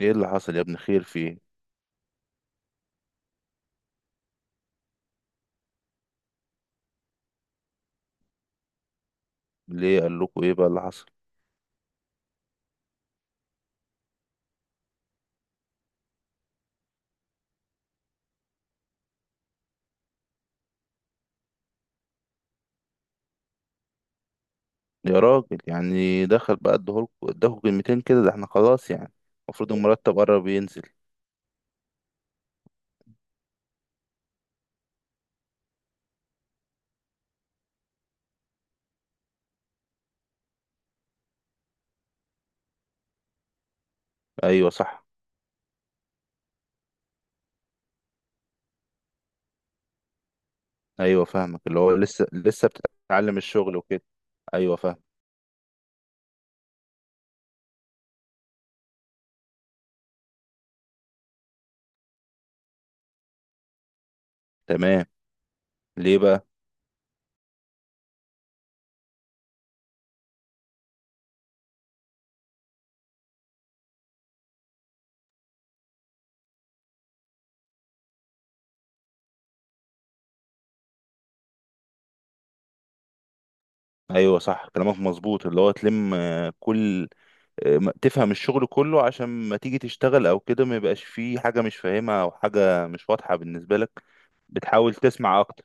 ايه اللي حصل يا ابني؟ خير فيه؟ ليه؟ قال لكم ايه بقى اللي حصل؟ يا راجل، يعني دخل بقى ادهولكوا اداكوا كلمتين كده، ده احنا خلاص يعني. المفروض المرتب قرب ينزل. ايوه صح. ايوه فاهمك، اللي هو لسه بتتعلم الشغل وكده. ايوه فاهم. تمام. ليه بقى؟ ايوه صح، كلامك مظبوط، اللي هو تلم كل، تفهم الشغل كله عشان ما تيجي تشتغل او كده ما يبقاش فيه حاجه مش فاهمها او حاجه مش واضحه بالنسبه لك. بتحاول تسمع اكتر.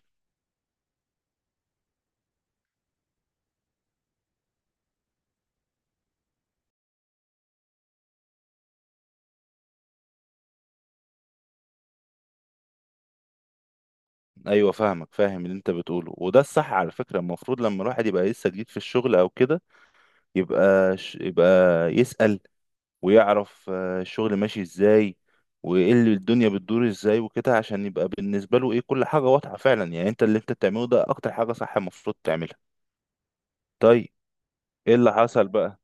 ايوه فاهمك، فاهم اللي انت بتقوله، وده الصح على فكره. المفروض لما الواحد يبقى لسه جديد في الشغل او كده يبقى يسأل ويعرف الشغل ماشي ازاي وايه اللي الدنيا بتدور ازاي وكده، عشان يبقى بالنسبه له ايه كل حاجه واضحه فعلا، يعني انت اللي انت بتعمله ده اكتر حاجه صح المفروض تعملها. طيب، ايه اللي حصل بقى؟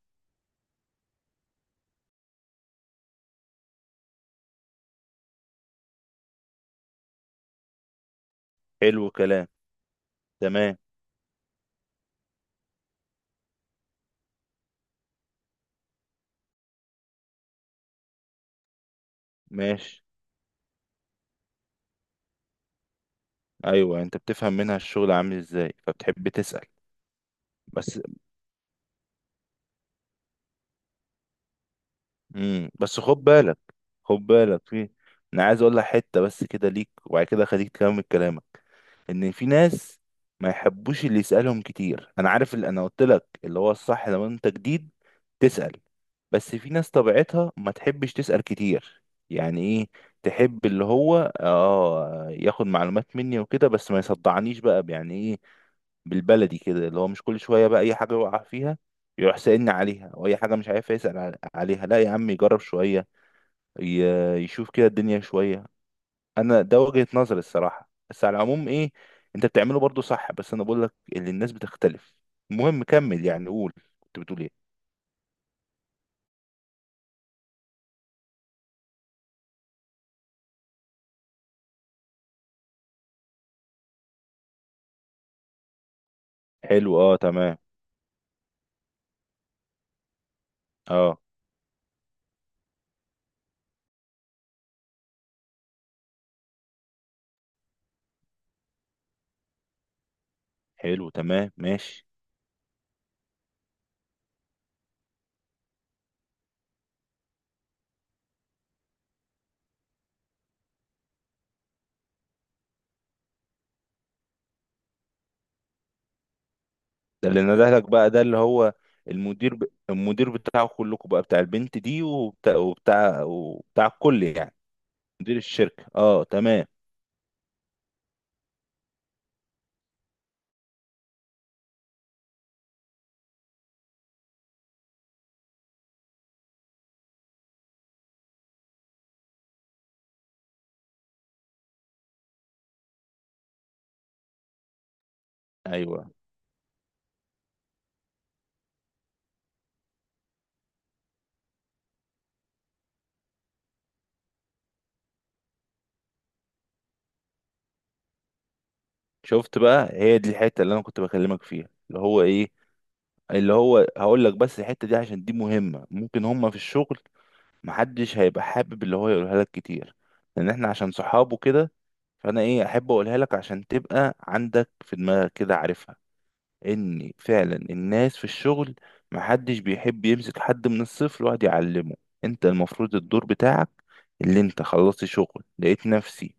حلو كلام. تمام ماشي. ايوه انت بتفهم منها الشغل عامل ازاي فبتحب تسأل. بس. بس خد بالك، خد بالك، في، انا عايز اقول لك حته بس كده ليك وبعد كده خليك تكمل كلامك. ان في ناس ما يحبوش اللي يسالهم كتير. انا عارف اللي انا قلت لك اللي هو الصح لما انت جديد تسال، بس في ناس طبيعتها ما تحبش تسال كتير. يعني ايه؟ تحب اللي هو ياخد معلومات مني وكده بس ما يصدعنيش بقى، يعني ايه بالبلدي كده؟ اللي هو مش كل شوية بقى أي حاجة يقع فيها يروح سألني عليها، أو أي حاجة مش عارف يسأل عليها، لا يا عم يجرب شوية، يشوف كده الدنيا شوية. أنا ده وجهة نظري الصراحة، بس على العموم إيه، أنت بتعمله برضو صح، بس أنا بقول لك اللي الناس بتختلف. المهم كمل، يعني قول. كنت بتقول إيه؟ حلو، أه تمام. أه. حلو، تمام ماشي. ده اللي نده لك بقى، ده اللي هو المدير، المدير بتاعه كلكم بقى، بتاع البنت دي وبتاع وبتاع وبتاع الكل يعني. مدير الشركة، اه تمام. ايوه. شفت بقى؟ هي دي الحتة اللي انا كنت بكلمك فيها، اللي هو ايه، اللي هو هقول لك بس الحتة دي عشان دي مهمة. ممكن هما في الشغل محدش هيبقى حابب اللي هو يقولها لك كتير لان احنا عشان صحابه كده. فانا ايه احب اقولها لك عشان تبقى عندك في دماغك كده عارفها، ان فعلا الناس في الشغل محدش بيحب يمسك حد من الصفر ويقعد يعلمه. انت المفروض الدور بتاعك، اللي انت خلصت شغل لقيت نفسي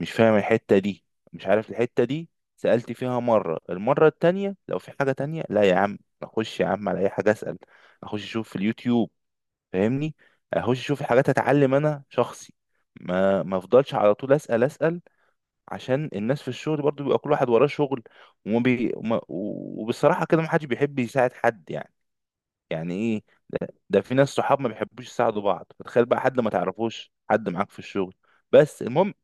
مش فاهم الحتة دي، مش عارف الحتة دي، سألت فيها مرة، المرة التانية لو في حاجة تانية لا يا عم. أخش يا عم على أي حاجة أسأل، أخش أشوف في اليوتيوب، فاهمني؟ أخش أشوف الحاجات أتعلم أنا شخصي، ما أفضلش على طول أسأل أسأل. عشان الناس في الشغل برضو بيبقى كل واحد وراه شغل، وبصراحة كده ما حدش بيحب يساعد حد، يعني يعني إيه؟ ده في ناس صحاب ما بيحبوش يساعدوا بعض، فتخيل بقى حد ما تعرفوش، حد معاك في الشغل. بس المهم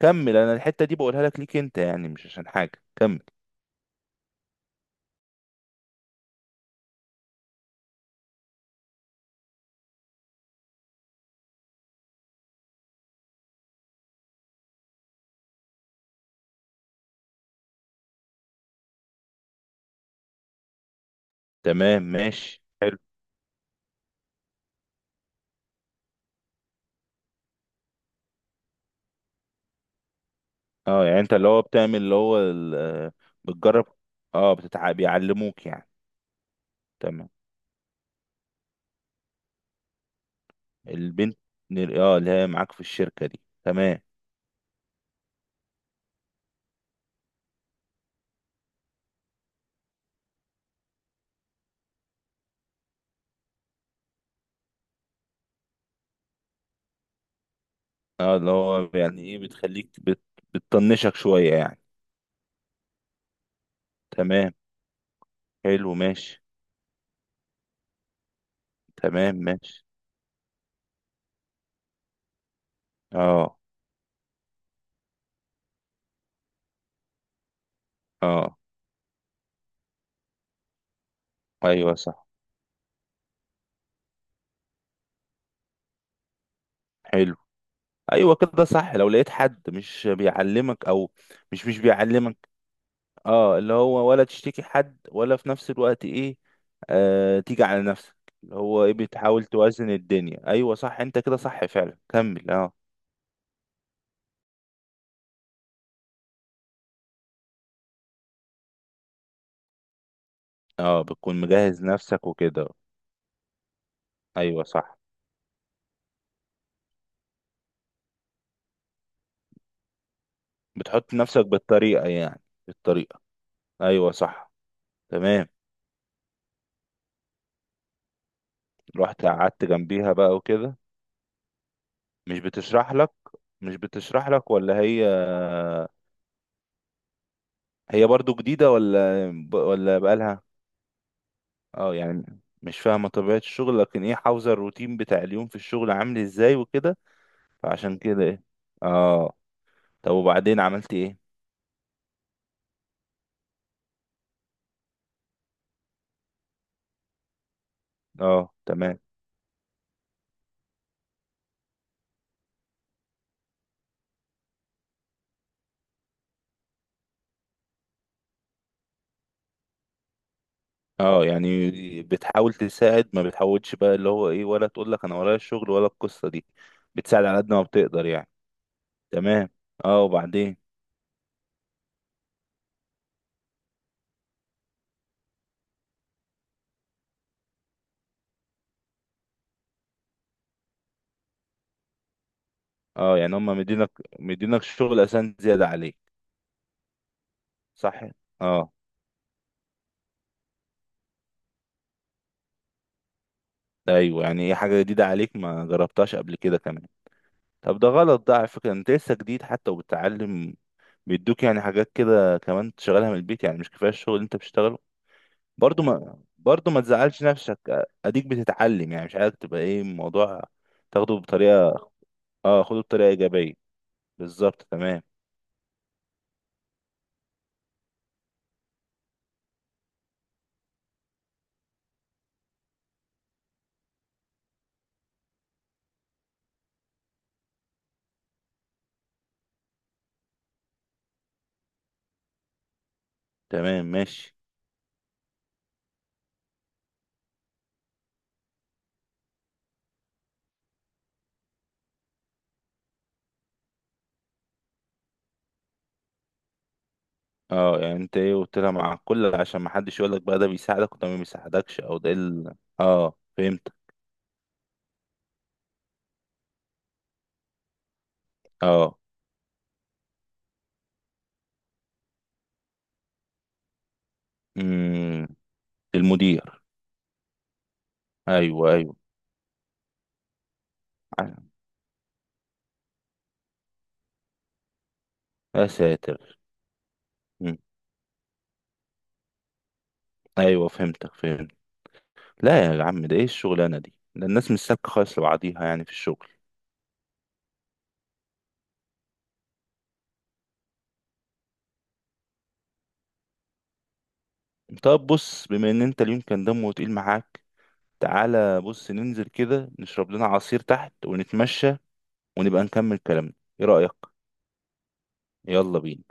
كمل. انا الحتة دي بقولها لك ليك انت يعني، مش عشان حاجة، كمل. تمام ماشي، حلو. اه يعني انت اللي هو بتعمل اللي هو، بتجرب. اه، بيعلموك يعني. تمام. البنت، اه اللي هي معاك في الشركة دي، تمام. اه اللي هو يعني ايه، بتخليك بتطنشك شوية يعني. تمام، حلو ماشي. تمام ماشي. اه. اه. ايوه صح. حلو. ايوه كده صح، لو لقيت حد مش بيعلمك او مش بيعلمك، اه اللي هو ولا تشتكي حد ولا في نفس الوقت ايه، آه تيجي على نفسك، اللي هو ايه بتحاول توازن الدنيا. ايوه صح، انت كده صح فعلا، كمل اه. اه بتكون مجهز نفسك وكده. ايوه صح. بتحط نفسك بالطريقة يعني، بالطريقة. ايوه صح، تمام. رحت قعدت جنبيها بقى وكده. مش بتشرح لك. مش بتشرح لك ولا هي. هي برضو جديدة ولا. ولا بقالها. اه يعني مش فاهمة طبيعة الشغل لكن ايه، حافظة الروتين بتاع اليوم في الشغل عامل ازاي وكده. فعشان كده ايه. اه. طب وبعدين عملت ايه؟ اه تمام. اه يعني بتحاول تساعد ما بتحاولش بقى اللي هو ايه، ولا تقول لك انا ورايا الشغل ولا القصة دي. بتساعد على قد ما بتقدر يعني. تمام. اه وبعدين؟ اه يعني هم مدينك، مدينك شغل اساسا زيادة عليك، صح. اه. ايوه يعني ايه، حاجة جديدة عليك ما جربتهاش قبل كده كمان. طب ده غلط ده على فكرة، انت لسه جديد حتى وبتتعلم، بيدوك يعني حاجات كده كمان تشغلها من البيت، يعني مش كفايه الشغل اللي انت بتشتغله. برضو ما تزعلش نفسك، اديك بتتعلم، يعني مش عايزك تبقى ايه الموضوع، تاخده بطريقه. اه خده بطريقه ايجابيه. بالظبط، تمام. تمام ماشي. اه يعني انت ايه، قلت لها مع كل عشان ما حدش يقول لك بقى ده بيساعدك وده ما بيساعدكش او ده ال... اه فهمت. اه. امم. المدير. ايوه ايوه. يا ساتر. مم. ايوه فهمتك، فهمت. لا يا عم، ده ايه الشغلانه دي، ده الناس مش سابكه خالص لبعضيها يعني في الشغل. طب بص، بما ان انت اليوم كان دمه تقيل معاك، تعالى بص ننزل كده نشرب لنا عصير تحت ونتمشى ونبقى نكمل كلامنا. ايه رايك؟ يلا بينا.